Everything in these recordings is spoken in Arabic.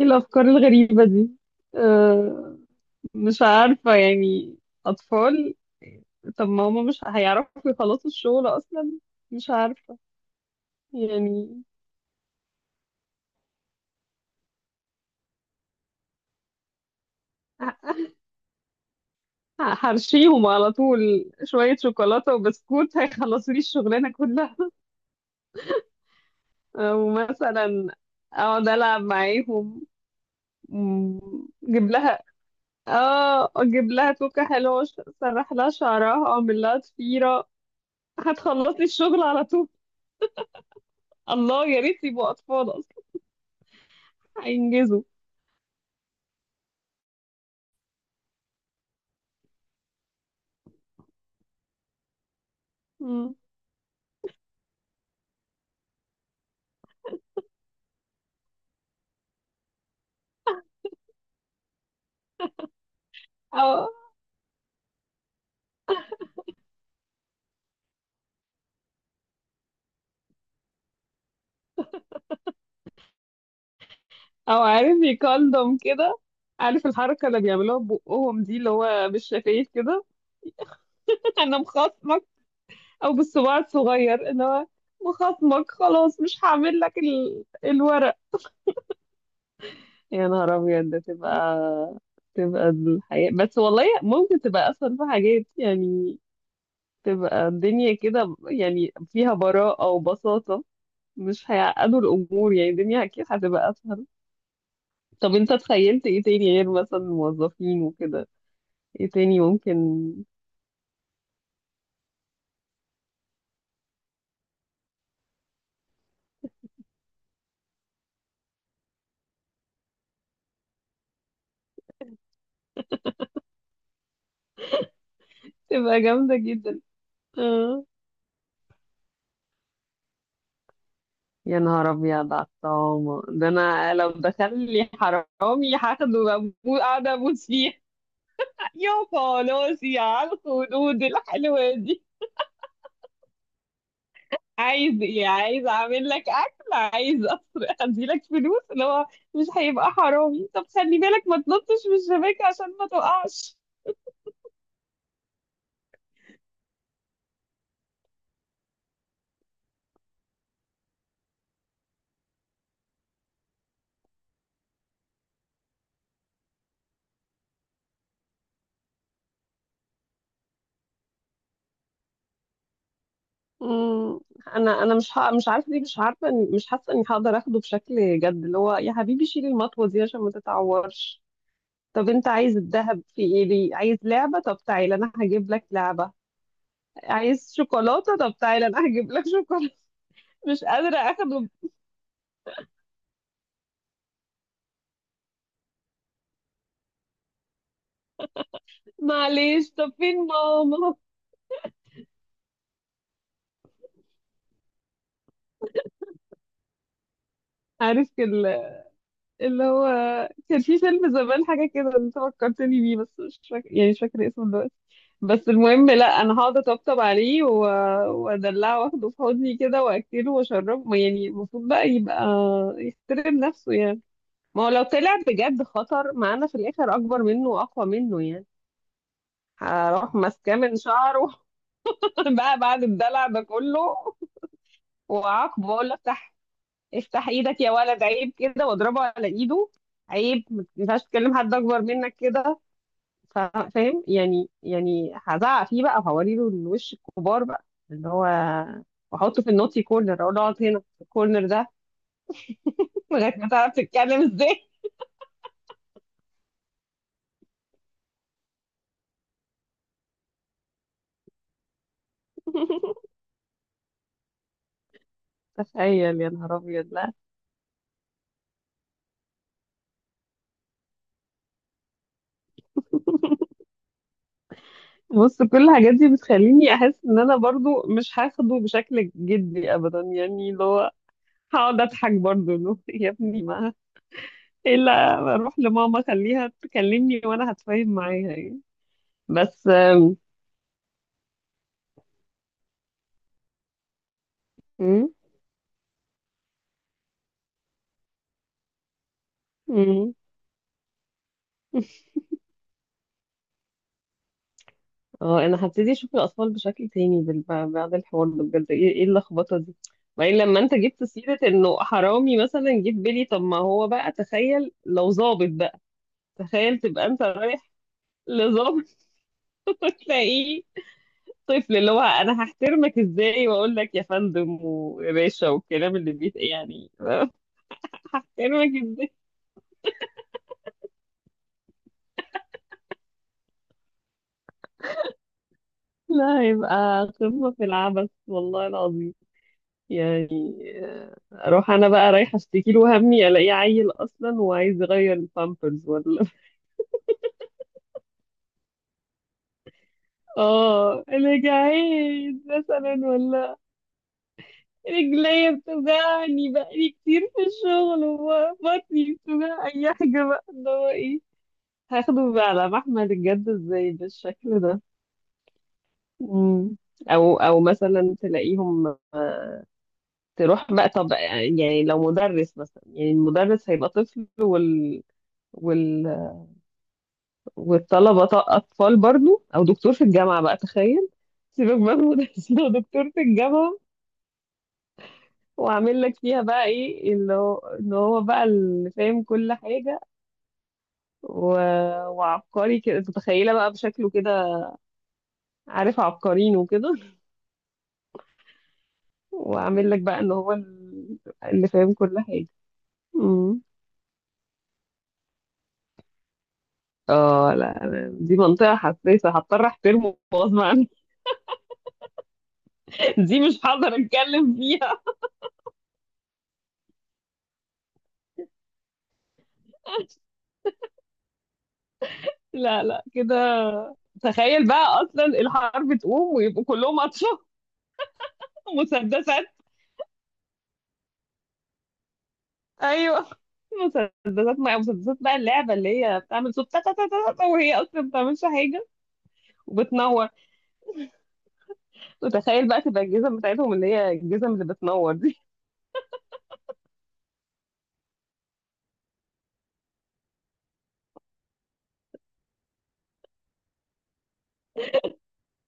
ايه الافكار الغريبه دي؟ أه. مش عارفه يعني. اطفال. طب ما هما مش هيعرفوا يخلصوا الشغل اصلا. مش عارفه. يعني ه- هرشيهم على طول شويه شوكولاته وبسكوت هيخلصوا لي الشغلانه كلها. أه، ومثلا اقعد العب معاهم. مم، اجيب لها. اه، اجيب لها توكه حلوه. سرح لها شعرها اعمل لها ضفيره. هتخلص لي الشغل على طول. الله يا ريت يبقوا اطفال. هينجزوا. مم. او او عارف يكلم كده. عارف الحركة اللي بيعملوها ببقهم دي اللي هو بالشفايف كده. انا مخاصمك. او بالصباع الصغير اللي هو. مخاصمك خلاص مش هعمل لك الورق. يا نهار ابيض ده. تبقى الحياة، بس والله ممكن تبقى اسهل في حاجات يعني. تبقى الدنيا كده يعني فيها براءة وبساطة. مش هيعقدوا الامور، يعني الدنيا اكيد هتبقى اسهل. طب انت تخيلت ايه تاني غير مثلا الموظفين وكده؟ ايه تاني ممكن؟ تبقى جامدة جدا. اه. يا نهار ابيض على الطعامة ده، انا لو دخل لي حرامي هاخده قاعدة ابوس فيه. يا خلاصي على الخدود الحلوة دي. عايز ايه؟ عايز اعمل لك اكل؟ عايز اسرق؟ اديلك فلوس. اللي هو مش هيبقى حرامي. طب خلي بالك ما تنطش من الشباك عشان ما تقعش. مم، انا مش عارفه. دي مش عارفه مش حاسه اني هقدر اخده بشكل جد. اللي هو يا حبيبي شيل المطوه دي عشان ما تتعورش. طب انت عايز الذهب في ايه؟ ليه؟ عايز لعبه؟ طب تعالى انا هجيب لك لعبه. عايز شوكولاته؟ طب تعالى انا هجيب لك شوكولاته. مش قادره اخده. معلش، طب فين ماما؟ عارف كده. اللي هو كان في فيلم زمان حاجة كده انت فكرتني بيه، بس مش فاكر يعني مش فاكرة اسمه دلوقتي. بس المهم، لا، انا هقعد اطبطب عليه وادلعه واخده في حضني كده واكله واشربه. ما يعني المفروض بقى يبقى يحترم نفسه يعني. ما هو لو طلع بجد خطر معانا في الاخر اكبر منه واقوى منه يعني هروح ماسكاه من شعره. بقى بعد الدلع ده كله، وعاقبه اقول له افتح. افتح ايدك يا ولد، عيب كده، واضربه على ايده. عيب ما ينفعش تكلم حد اكبر منك كده. فاهم يعني هزعق فيه بقى وهوري له الوش الكبار بقى. اللي هو واحطه في النوتي كورنر اقول له اقعد هنا في الكورنر ده. لغايه ما تعرف تتكلم ازاي. تخيل يا نهار ابيض. لا، بص كل الحاجات دي بتخليني احس ان انا برضو مش هاخده بشكل جدي ابدا. يعني اللي هو هقعد اضحك برضو، اللي هو يا ابني، ما الا اروح لماما خليها تكلمني وانا هتفاهم معاها يعني. بس مم، مم. اه، انا هبتدي اشوف الاطفال بشكل تاني بعد الحوار ده، بجد ايه اللخبطه دي. وبعدين لما انت جبت سيره انه حرامي مثلا، جه في بالي طب ما هو بقى، تخيل لو ظابط بقى. تخيل تبقى انت رايح لظابط. وتلاقيه طفل. اللي هو انا هحترمك ازاي؟ واقول لك يا فندم ويا باشا والكلام اللي بيت يعني. هحترمك ازاي؟ لا يبقى قمة في العبث والله العظيم يعني. آه، اروح انا بقى رايحة اشتكي له همي، الاقيه عيل اصلا وعايز يغير البامبرز ولا. اه انا جعان مثلا ولا رجليا بتوجعني بقالي كتير في الشغل وبطني بتوجع اي حاجة بقى. اللي هو ايه، هاخده بقى على محمل الجد ازاي بالشكل ده؟ مم. او مثلا تلاقيهم. تروح بقى. طب يعني لو مدرس مثلا، يعني المدرس هيبقى طفل وال... والطلبة أطفال برضو. أو دكتور في الجامعة بقى، تخيل. سيبك بقى من المدرسين، هو دكتور في الجامعة وعامل لك فيها بقى إيه، اللي هو إن هو بقى اللي فاهم كل حاجة و... وعبقري كده. تتخيلها بقى بشكله كده. عارف عبقريين وكده. وعامل لك بقى إن هو اللي فاهم كل حاجة. مم. اه لا، دي منطقة حساسة هضطر احترمه غصب عني. دي مش هقدر اتكلم فيها. لا لا كده. تخيل بقى اصلا الحرب تقوم ويبقوا كلهم اطفال. مسدسات. ايوه. مسدسات مع مسدسات بقى، اللعبه اللي هي بتعمل صوت تا تا تا تا تا وهي اصلا ما بتعملش حاجه، وبتنور. وتخيل بقى تبقى الجزم بتاعتهم اللي هي الجزم اللي بتنور دي.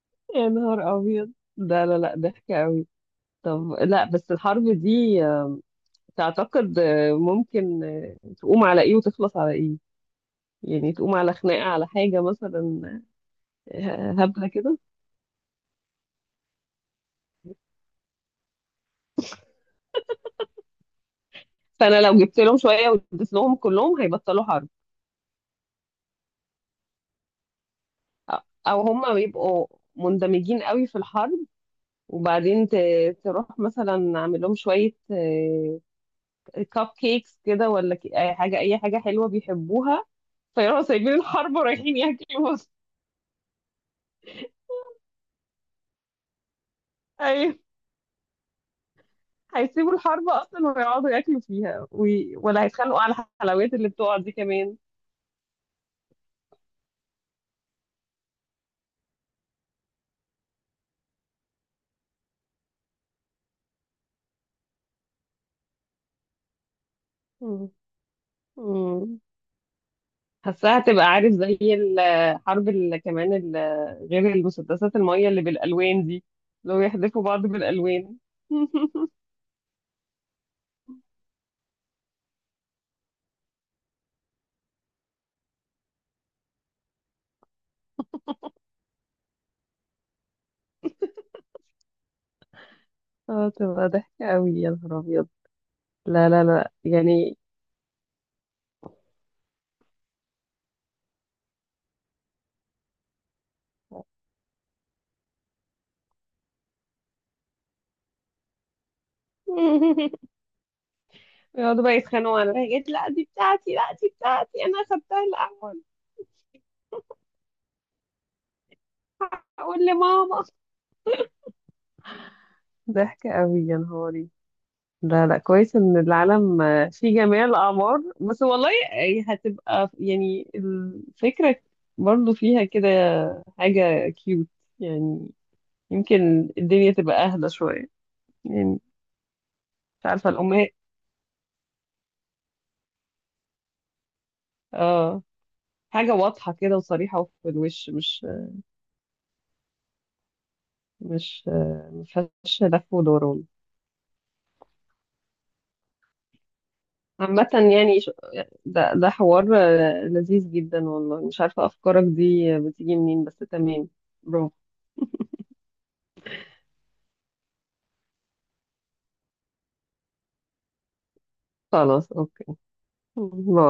يا نهار ابيض ده. لا لا، ضحك قوي. طب لا، بس الحرب دي تعتقد ممكن تقوم على ايه وتخلص على ايه؟ يعني تقوم على خناقه على حاجه مثلا هبله كده. فانا لو جبت لهم شويه واديت لهم كلهم هيبطلوا حرب. او هم بيبقوا مندمجين قوي في الحرب، وبعدين تروح مثلا اعمل لهم شويه كاب كيكس كده ولا اي حاجه اي حاجه حلوه بيحبوها، فيروحوا سايبين الحرب ورايحين ياكلوا. ايوه. هيسيبوا الحرب اصلا ويقعدوا ياكلوا فيها ولا هيتخانقوا على الحلويات اللي بتقع دي كمان. مم. مم. حاساها هتبقى عارف زي الحرب اللي كمان غير المسدسات المية اللي بالألوان دي، لو يحذفوا بعض بالألوان. اه تبقى ضحكة قوي يا نهار أبيض. لا لا لا يعني. يقعدوا بقى يتخانقوا على الحاجات، لا دي بتاعتي، لا دي بتاعتي أنا أخدتها الأول. أقول لماما. ضحكة قوي يا نهار. لا لا، كويس ان العالم في جميع الاعمار. بس والله هتبقى يعني الفكره برضو فيها كده حاجه كيوت يعني. يمكن الدنيا تبقى اهدى شويه يعني. مش عارفه. الامهات اه، حاجه واضحه كده وصريحه في الوش. مش ما فيهاش لف ودوران عامة. يعني ده حوار لذيذ جدا والله. مش عارفة أفكارك دي بتيجي منين بس تمام. برافو. خلاص أوكي. باي.